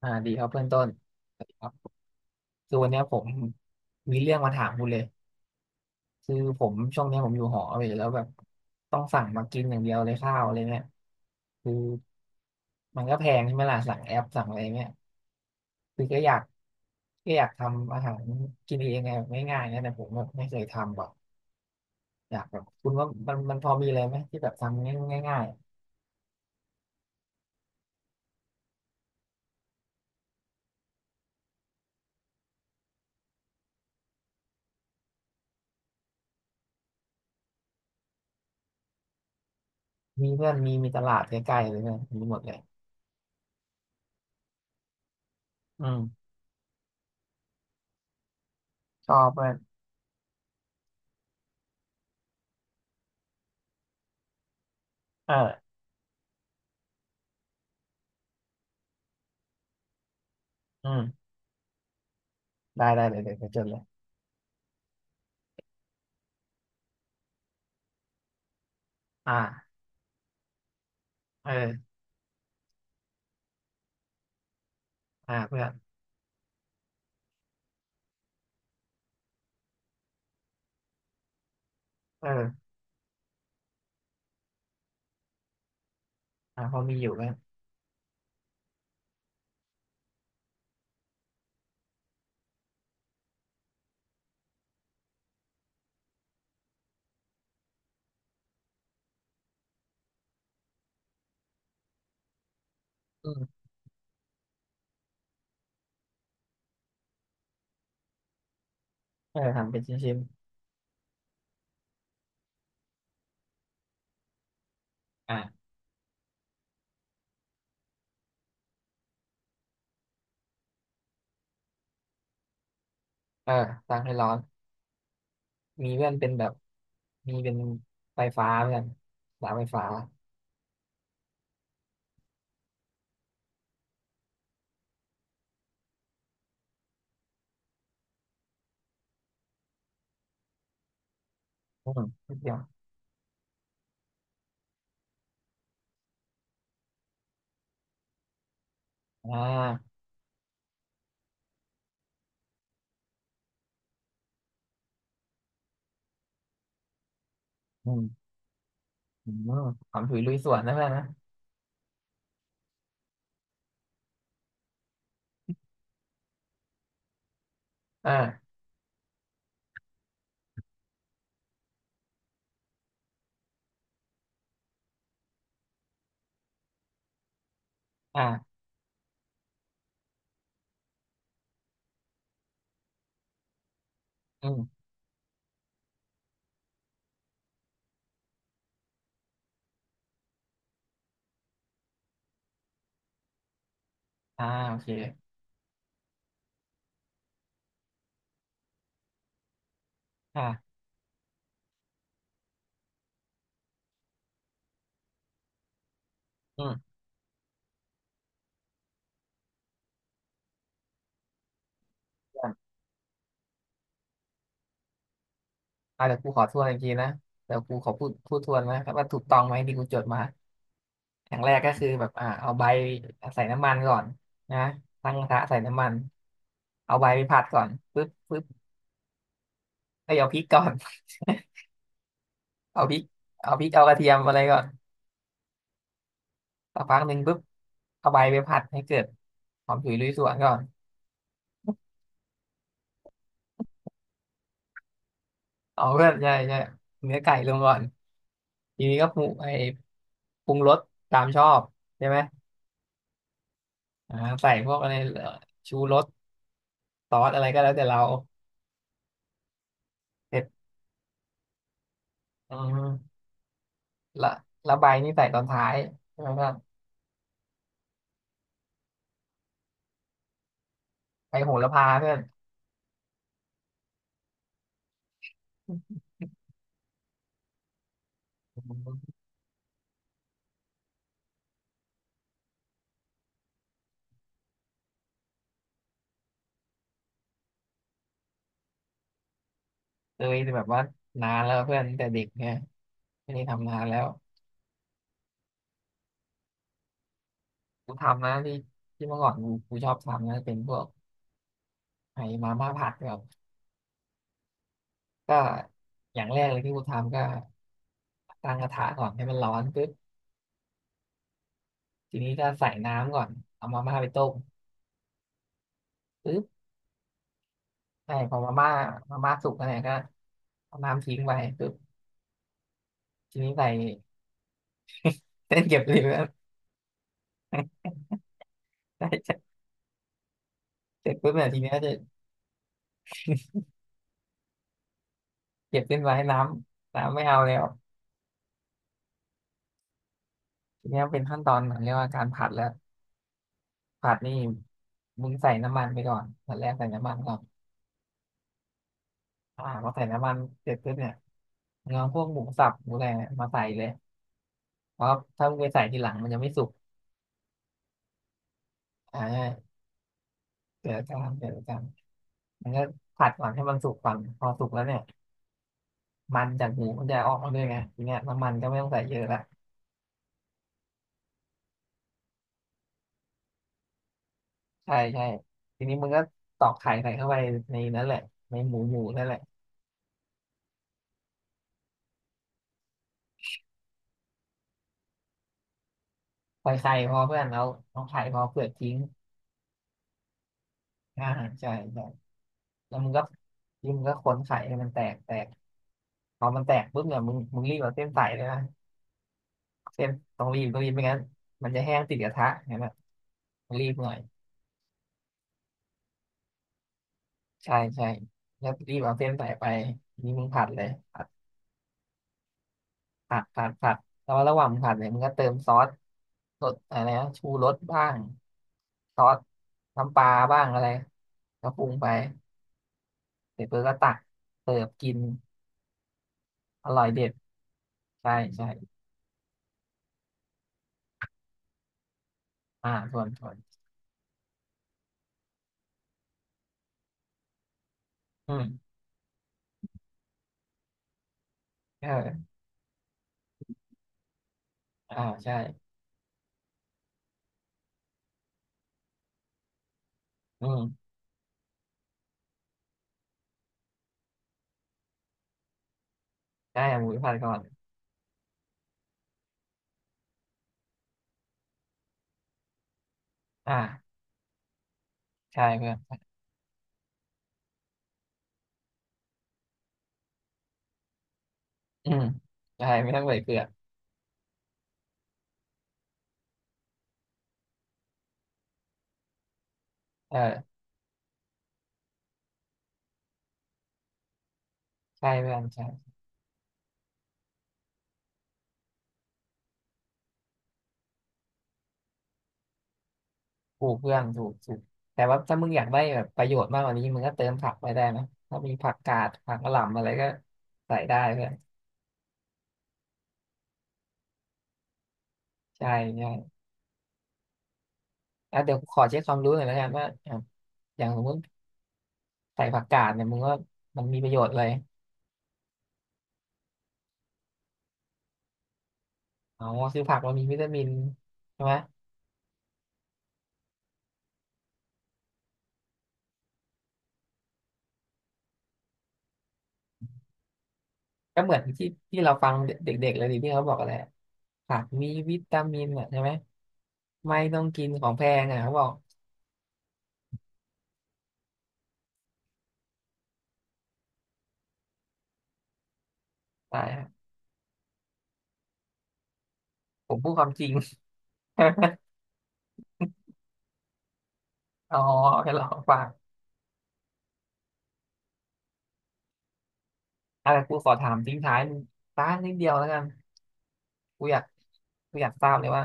อ่าดีครับเพื่อนต้นสวัสดีครับคือวันเนี้ยผมมีเรื่องมาถามคุณเลยคือผมช่วงเนี้ยผมอยู่หอเว้ยแล้วแบบต้องสั่งมากินอย่างเดียวเลยข้าวอะไรเนี่ยคือมันก็แพงใช่ไหมล่ะสั่งแอปสั่งอะไรเนี่ยคือก็อยากทำอาหารกินเองไงแบบง่ายๆนะแต่ผมแบบไม่เคยทำหรอกอยากแบบคุณว่ามันพอมีอะไรไหมที่แบบทำง่ายๆมีเพื่อนมีตลาดใกล้ๆเลยเนี่ยมีหมดเลยอืมชอบเพื่อนเอออืมได้ได้เดี๋ยวจดเลยอ่า เอออ่าเพื่อนเอออ่าพอมีอยู่กัอนอืมเออทำเป็นชิ้นๆอ่าเออตั้งให้ร้อน มีเพื่อนเป็นแบบ มีเป็นไฟฟ้าเพื่อนสายไฟฟ้าอืมนิดเดียวอ่าอืมอืมความถุยลุยสวนนะเพื่อนนะเอออ่าอืมอ่าโอเคอ่าอืมเพื่อนอ่าเดี๋ยวกูขอทวนอีกทีนะเดี๋ยวกูขอพูดทวนนะครับว่าถูกต้องไหมที่กูจดมา อย่างแรกก็คือแบบอ่าเอาใบใส่น้ำมันก่อนนะตั้งกระทะใส่น้ำมันเอาใบไปผัดก่อนปึ๊บปึ๊บไอยเอาพริกก่อน เอาพริกเอาพริกเอากระเทียมอะไรก่อนสักพักหนึ่งปึ๊บเอาใบไปผัดให้เกิดหอมฉุยลุยสวนก่อนเอาเพื่อนใช่ใช่เนื้อไก่ลงก่อนทีนี้ก็ปรุงรสตามชอบใช่ไหมอ่าใส่พวกอะไรชูรสซอสอะไรก็แล้วแต่เราเสร็จอืมละละใบนี่ใส่ตอนท้ายใช่ไหม ไปโหระพาเพื่อนเคยแต่แบบว่านานแล้วเพื่อนตั้งแต่เด็กเนี่ยไม่ได้ทำนานแล้วกูทำนะที่ที่เมื่อก่อนกูชอบทำนะเป็นพวกไอ้มาม่าผัดแบบก็อย่างแรกเลยที่กูทำก็ตั้งกระทะก่อนให้มันร้อนปุ๊บทีนี้ก็ใส่น้ำก่อนเอามาม่าไปต้มปุ๊บใช่พอมาม่าสุกแล้วเนี่ยก็เอาน้ำทิ้งไปปุ๊บทีนี้ใส่เส้นเก็บเหลย ใช่ใช่เสร็จปุ๊บเนี่ยทีนี้ก็จะเก็บเส้นมาให้น้ำไม่เอาแล้ว ทีเนี้ยเป็นขั้นตอนเหมือนเรียกว่าการผัดแล้วผัดนี่มึงใส่น้ำมันไปก่อนตอนแรกใส่น้ำมันก่อนอ่าพอใส่น้ำมันเสร็จปุ๊บเนี่ยมึงเอาพวกหมูสับอะไรเนี่ยมาใส่เลยเพราะถ้ามึงไปใส่ทีหลังมันจะไม่สุกอ่าเดี๋ยวจะทำมันก็ผัดก่อนให้มันสุกก่อนพอสุกแล้วเนี่ยมันจากหมูมันจะออกมาด้วยไงทีเนี้ยน้ำมันก็ไม่ต้องใส่เยอะละใช่ใช่ทีนี้มึงก็ตอกไข่ใส่เข้าไปในนั้นแหละในหมูหมูนั่นแหละใส่ไข่พอเพื่อนแล้วเอาไข่พอเปลือกทิ้งอ่าใช่ใช่ แล้วมึงก็ขวนไข่ให้มันแตกแตกพอมันแตกปุ๊บเนี่ยมึงรีบเอาเส้นใส่เลยนะเส้นต้องรีบต้องรีบไม่งั้นมันจะแห้งติดกระทะเห็นไหมมึงรีบหน่อยใช่ใช่แล้วรีบเอาเส้นใส่ไปนี่มึงผัดเลยผัดผัดผัดผัดแล้วระหว่างมึงผัดเนี่ยมึงก็เติมซอสรสดอะไรนะชูรสบ้างซอสน้ำปลาบ้างอะไรก็ปรุงไปเสร็จปุ๊บก็ตักเสิร์ฟกินอร่อยเด็ดใช่ใช่อ่าส่วนอืมเอออ่าใช่ อืมใช่เอาหมูไปผัดก่อนอ่าใช่เพื่อนอืมใช่ไม่ต้องใส่เกลือเออใช่เพื่อนใช่ถูกเพื่อนถูกถูกแต่ว่าถ้ามึงอยากได้แบบประโยชน์มากกว่านี้มึงก็เติมผักไปได้นะถ้ามีผักกาดผักกะหล่ำอะไรก็ใส่ได้เพื่อนใช่ใช่อ่ะเดี๋ยวขอเช็คความรู้หน่อยแล้วกันว่าอ่ะอย่างสมมติใส่ผักกาดเนี่ยมึงว่ามันมีประโยชน์เลยอ๋อคือผักมันมีวิตามินใช่ไหม ก็เหมือนที่ที่เราฟังเด็กๆเลยดิที่เขาบอกอะไรอะผักมีวิตามินอ่ะใช่ไหมไม่ต้องกินของแพงอ่ะเขาบอกตายอะผมพูดความจริง อ๋อแค่หลอกปากอ่ะกูขอถามทิ้งท้ายต้านนิดเดียวแล้วกันกูอยากกูอยากทราบเลยว่า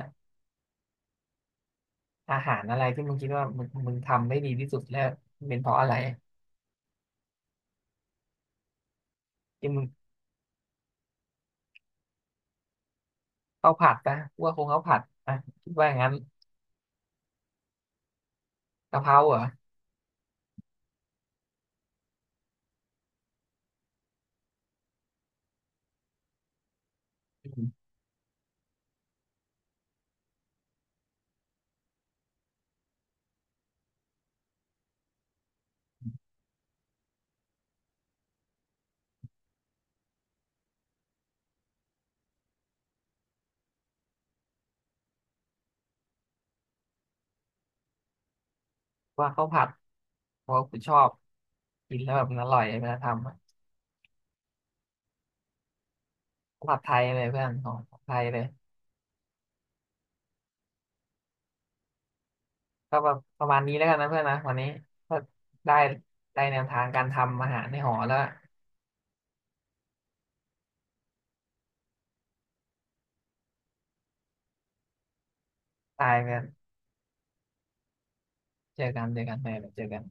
อาหารอะไรที่มึงคิดว่ามึงทำได้ดีที่สุดแล้วมันเป็นเพราะอะไรที่มึงข้าวผัดปะกูว่าคงข้าวผัดอ่ะคิดว่าอย่างนั้นกะเพราเหรอ ว่าข้าวผัดเพราะว่ากูชอบกินแล้วแบบมันอร่อยเวลาทำอะข้าวผัดไทยเลยเพื่อนของไทยเลยก็แบบประมาณนี้แล้วกันนะเพื่อนนะวันนี้ก็ได้ได้แนวทางการทำอาหารในหอแล้วตายกันเจอกันเจอกันไปเจอกัน